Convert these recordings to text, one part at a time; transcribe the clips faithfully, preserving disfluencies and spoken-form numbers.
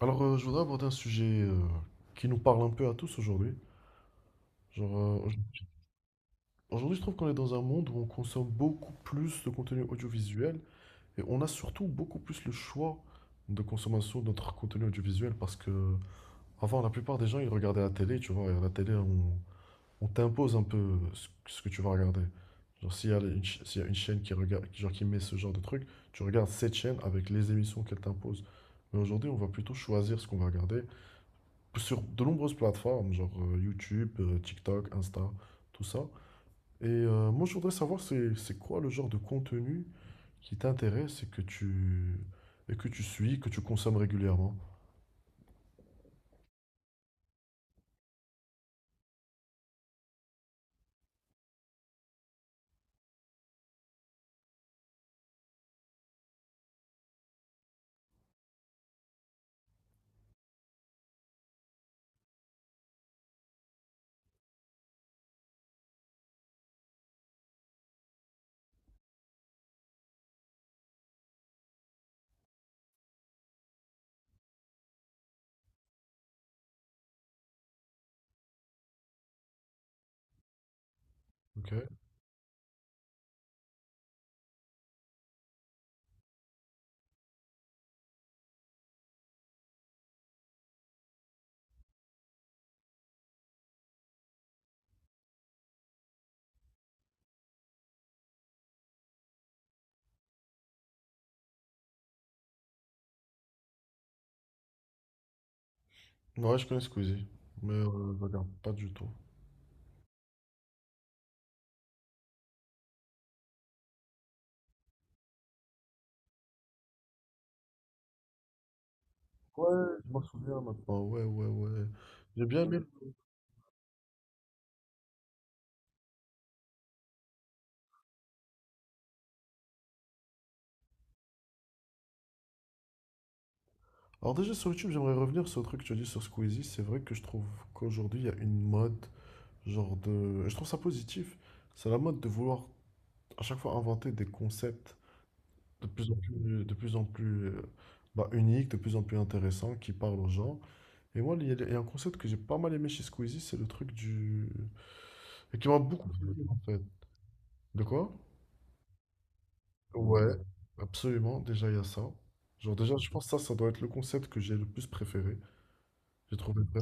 Alors, euh, je voudrais aborder un sujet euh, qui nous parle un peu à tous aujourd'hui. Genre, euh, auj- Aujourd'hui, je trouve qu'on est dans un monde où on consomme beaucoup plus de contenu audiovisuel et on a surtout beaucoup plus le choix de consommation de notre contenu audiovisuel parce que avant, la plupart des gens, ils regardaient la télé, tu vois, et à la télé, on, on t'impose un peu ce, ce que tu vas regarder. Genre, s'il y a une, ch- s'il y a une chaîne qui regarde, genre, qui met ce genre de truc, tu regardes cette chaîne avec les émissions qu'elle t'impose. Mais aujourd'hui, on va plutôt choisir ce qu'on va regarder sur de nombreuses plateformes, genre euh, YouTube, euh, TikTok, Insta, tout ça. Et euh, moi, je voudrais savoir c'est c'est quoi le genre de contenu qui t'intéresse et que tu et que tu suis, que tu consommes régulièrement. Ok. Ouais, je connais Squeezie, mais euh, je regarde pas du tout. Ouais, je m'en souviens maintenant. Ouais, ouais, ouais. J'ai bien aimé. Alors déjà sur YouTube, j'aimerais revenir sur le truc que tu as dit sur Squeezie. C'est vrai que je trouve qu'aujourd'hui, il y a une mode, genre de, et je trouve ça positif. C'est la mode de vouloir à chaque fois inventer des concepts de plus en plus, de plus en plus euh, bah, unique, de plus en plus intéressant, qui parle aux gens. Et moi, il y a il y a un concept que j'ai pas mal aimé chez Squeezie, c'est le truc du… Et qui m'a beaucoup fait rire, en fait. De quoi? Ouais, absolument, déjà il y a ça. Genre déjà, je pense que ça, ça doit être le concept que j'ai le plus préféré. J'ai trouvé vrai.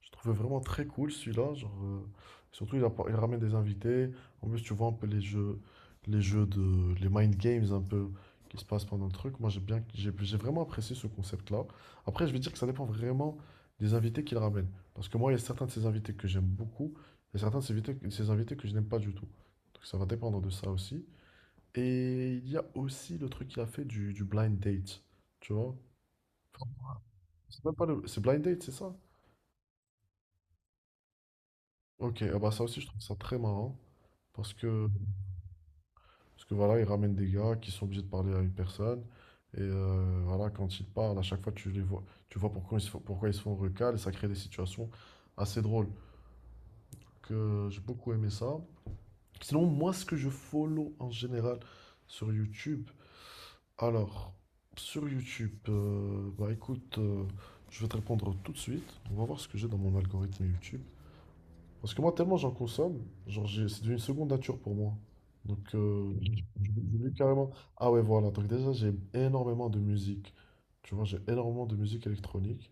Je trouvais vraiment très cool celui-là. Genre, euh, surtout, il, appo- il ramène des invités. En plus, tu vois un peu les jeux, les jeux de, les mind games un peu qui se passent pendant le truc. Moi, j'ai bien, j'ai, j'ai vraiment apprécié ce concept-là. Après, je vais dire que ça dépend vraiment des invités qu'il ramène. Parce que moi, il y a certains de ces invités que j'aime beaucoup et certains de ces invités, de ces invités que je n'aime pas du tout. Donc, ça va dépendre de ça aussi. Et il y a aussi le truc qu'il a fait du, du blind date. Tu vois? C'est même pas le- C'est blind date, c'est ça? Ok, ah bah ça aussi je trouve ça très marrant parce que, parce que voilà, ils ramènent des gars qui sont obligés de parler à une personne et euh, voilà, quand ils parlent, à chaque fois tu les vois, tu vois pourquoi ils se font, pourquoi ils se font recal et ça crée des situations assez drôles. Que j'ai beaucoup aimé ça. Sinon, moi ce que je follow en général sur YouTube, alors sur YouTube, euh, bah écoute, euh, je vais te répondre tout de suite. On va voir ce que j'ai dans mon algorithme YouTube. Parce que moi, tellement j'en consomme, genre j'ai- c'est devenu une seconde nature pour moi. Donc, euh, j'oublie carrément. Ah ouais, voilà. Donc déjà, j'ai énormément de musique. Tu vois, j'ai énormément de musique électronique.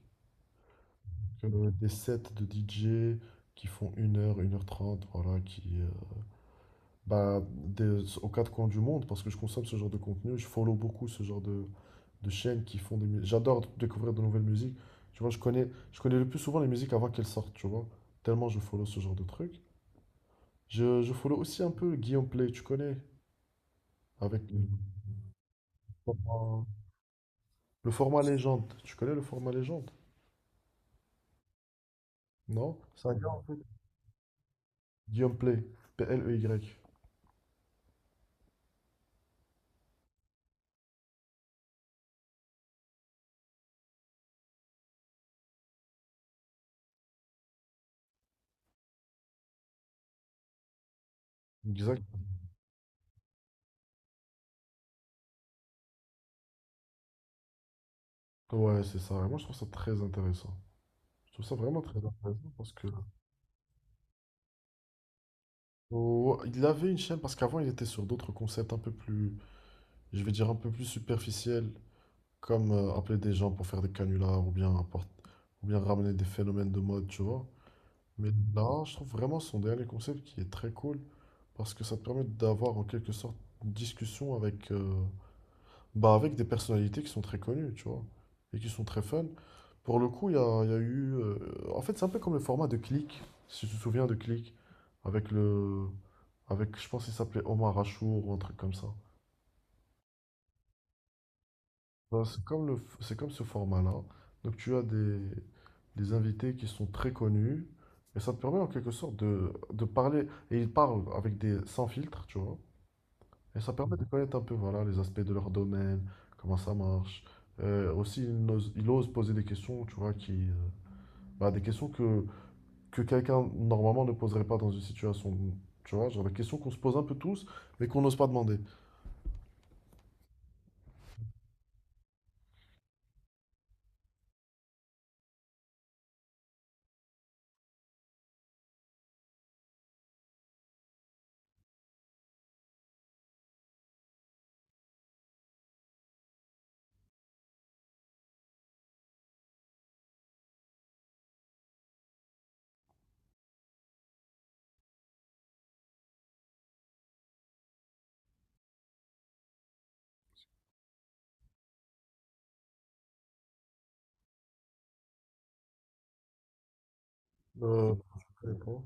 Euh, des sets de D J qui font une heure une heure trente voilà, qui… euh, bah, des- aux quatre coins du monde, parce que je consomme ce genre de contenu. Je follow beaucoup ce genre de, de chaînes qui font des… mu- J'adore découvrir de nouvelles musiques. Tu vois, je connais, je connais le plus souvent les musiques avant qu'elles sortent, tu vois. Tellement je follow ce genre de trucs. Je, je follow aussi un peu Guillaume Play, tu connais? Avec le format, le format légende. Tu connais le format légende? Non? C'est un gars, en fait. Guillaume Play. P E L E Y. Exact. Ouais, c'est ça. Et moi, je trouve ça très intéressant. Je trouve ça vraiment très intéressant parce que… Oh, il avait une chaîne, parce qu'avant, il était sur d'autres concepts un peu plus, je vais dire, un peu plus superficiels, comme euh, appeler des gens pour faire des canulars ou bien, apport- ou bien ramener des phénomènes de mode, tu vois. Mais là, je trouve vraiment son dernier concept qui est très cool. Parce que ça te permet d'avoir en quelque sorte une discussion avec, euh, bah, avec des personnalités qui sont très connues, tu vois, et qui sont très fun. Pour le coup, il y a, il y a eu… euh, en fait, c'est un peu comme le format de Click, si tu te souviens de Click, avec le… Avec, je pense qu'il s'appelait Omar Achour ou un truc comme ça. Ben, c'est comme le, c'est comme ce format-là. Donc tu as des, des invités qui sont très connus et ça te permet en quelque sorte de, de parler et ils parlent avec des sans filtre, tu vois. Et ça permet de connaître un peu voilà, les aspects de leur domaine, comment ça marche. Euh, aussi, il ose, il ose poser des questions, tu vois, qui, euh, bah, des questions que, que quelqu'un normalement ne poserait pas dans une situation, tu vois, genre des questions qu'on se pose un peu tous, mais qu'on n'ose pas demander. Euh, je connais pas.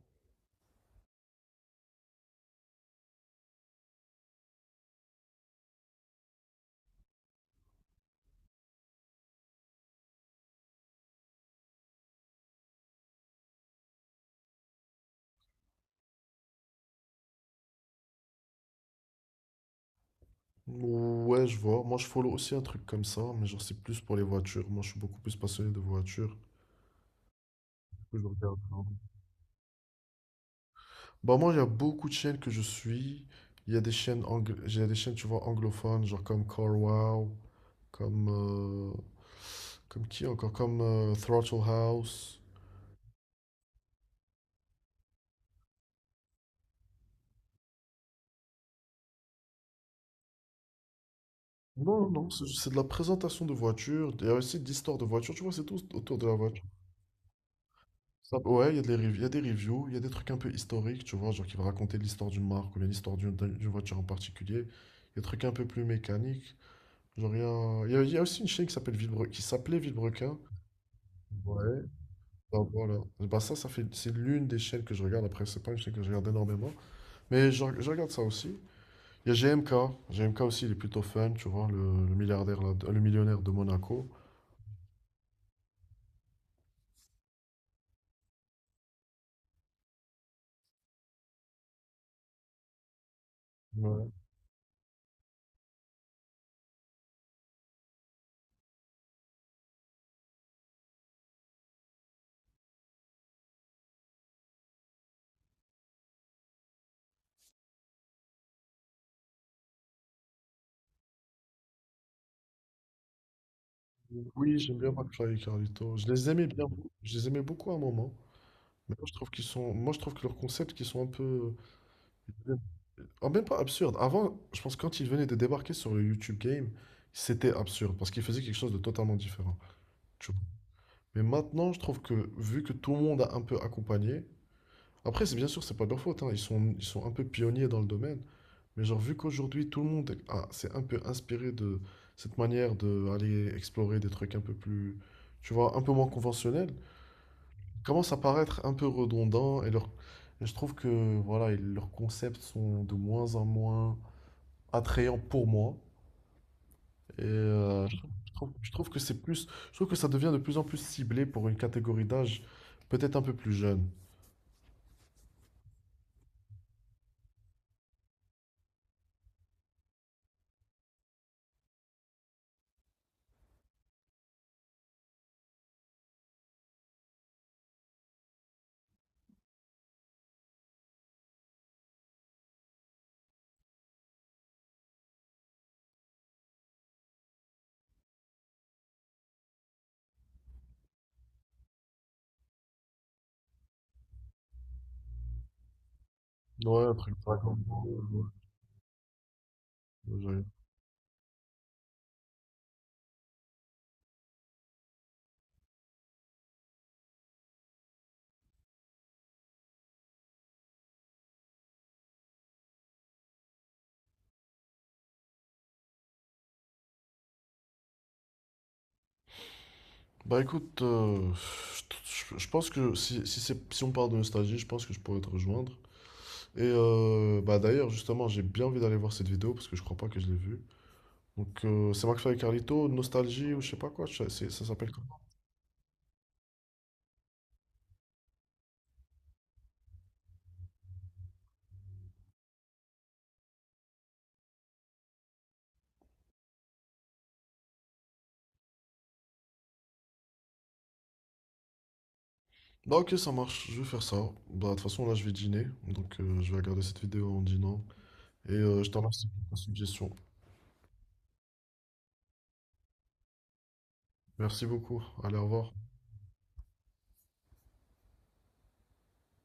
Ouais, je vois. Moi, je follow aussi un truc comme ça, mais genre, c'est plus pour les voitures. Moi, je suis beaucoup plus passionné de voitures. Du coup, je regarde ça. Bah, moi, il y a beaucoup de chaînes que je suis. Il y a des chaînes, angl- j'ai des chaînes, tu vois, anglophones, genre comme CarWow. Comme, euh, comme qui encore? Comme euh, Throttle House. Non, non, c'est c'est de la présentation de voitures. Il y a aussi de l'histoire de voitures. Tu vois, c'est tout autour de la voiture. Ça- ouais, il y a des, rev- il y a des reviews, il y a des trucs un peu historiques, tu vois, genre qui va raconter l'histoire d'une marque ou bien l'histoire d'une d'un- d'une voiture en particulier. Il y a des trucs un peu plus mécaniques. Genre, il y a, il y a- il y a aussi une chaîne qui s'appelle Villebrequin, qui s'appelait Villebrequin. Ouais. Bah, voilà. Bah, ça, ça fait, c'est l'une des chaînes que je regarde. Après, c'est pas une chaîne que je regarde énormément. Mais je, je regarde ça aussi. Il y a G G M K G M K aussi, il est plutôt fun, tu vois, le, le milliardaire, là, le millionnaire de Monaco. Ouais. Oui, j'aime bien McFly et Carlito. Je les aimais bien. Je les aimais beaucoup à un moment. Mais moi, je trouve qu'ils sont, moi, je trouve que leurs concepts qui sont un peu… Ah, même pas absurde. Avant, je pense que quand ils venaient de débarquer sur le YouTube Game, c'était absurde parce qu'ils faisaient quelque chose de totalement différent. Tu vois. Mais maintenant, je trouve que vu que tout le monde a un peu accompagné, après, c'est bien sûr, c'est pas de leur faute, hein, ils sont, ils sont un peu pionniers dans le domaine. Mais genre, vu qu'aujourd'hui, tout le monde est, ah, c'est un peu inspiré de cette manière d'aller explorer des trucs un peu plus, tu vois, un peu moins conventionnels, commence à paraître un peu redondant et, leur, et je trouve que voilà, et leurs concepts sont de moins en moins attrayants pour moi. Et euh, je trouve, je trouve- je trouve que c'est plus, je trouve que ça devient de plus en plus ciblé pour une catégorie d'âge peut-être un peu plus jeune. Ouais, un truc, par exemple. Ouais, ouais, ouais, j'arrive. Bah écoute, euh, je, je pense que si, si, c'est, si on parle de nostalgie, je pense que je pourrais te rejoindre. Et euh, bah d'ailleurs, justement, j'ai bien envie d'aller voir cette vidéo parce que je crois pas que je l'ai vue. Donc euh, c'est McFly et Carlito, nostalgie ou je sais pas quoi, je- c'est- ça s'appelle comment? Bah ok, ça marche, je vais faire ça. Bah de toute façon, là je vais dîner, donc euh, je vais regarder cette vidéo en dînant. Et euh, je te remercie pour ta suggestion. Merci beaucoup, allez, au revoir.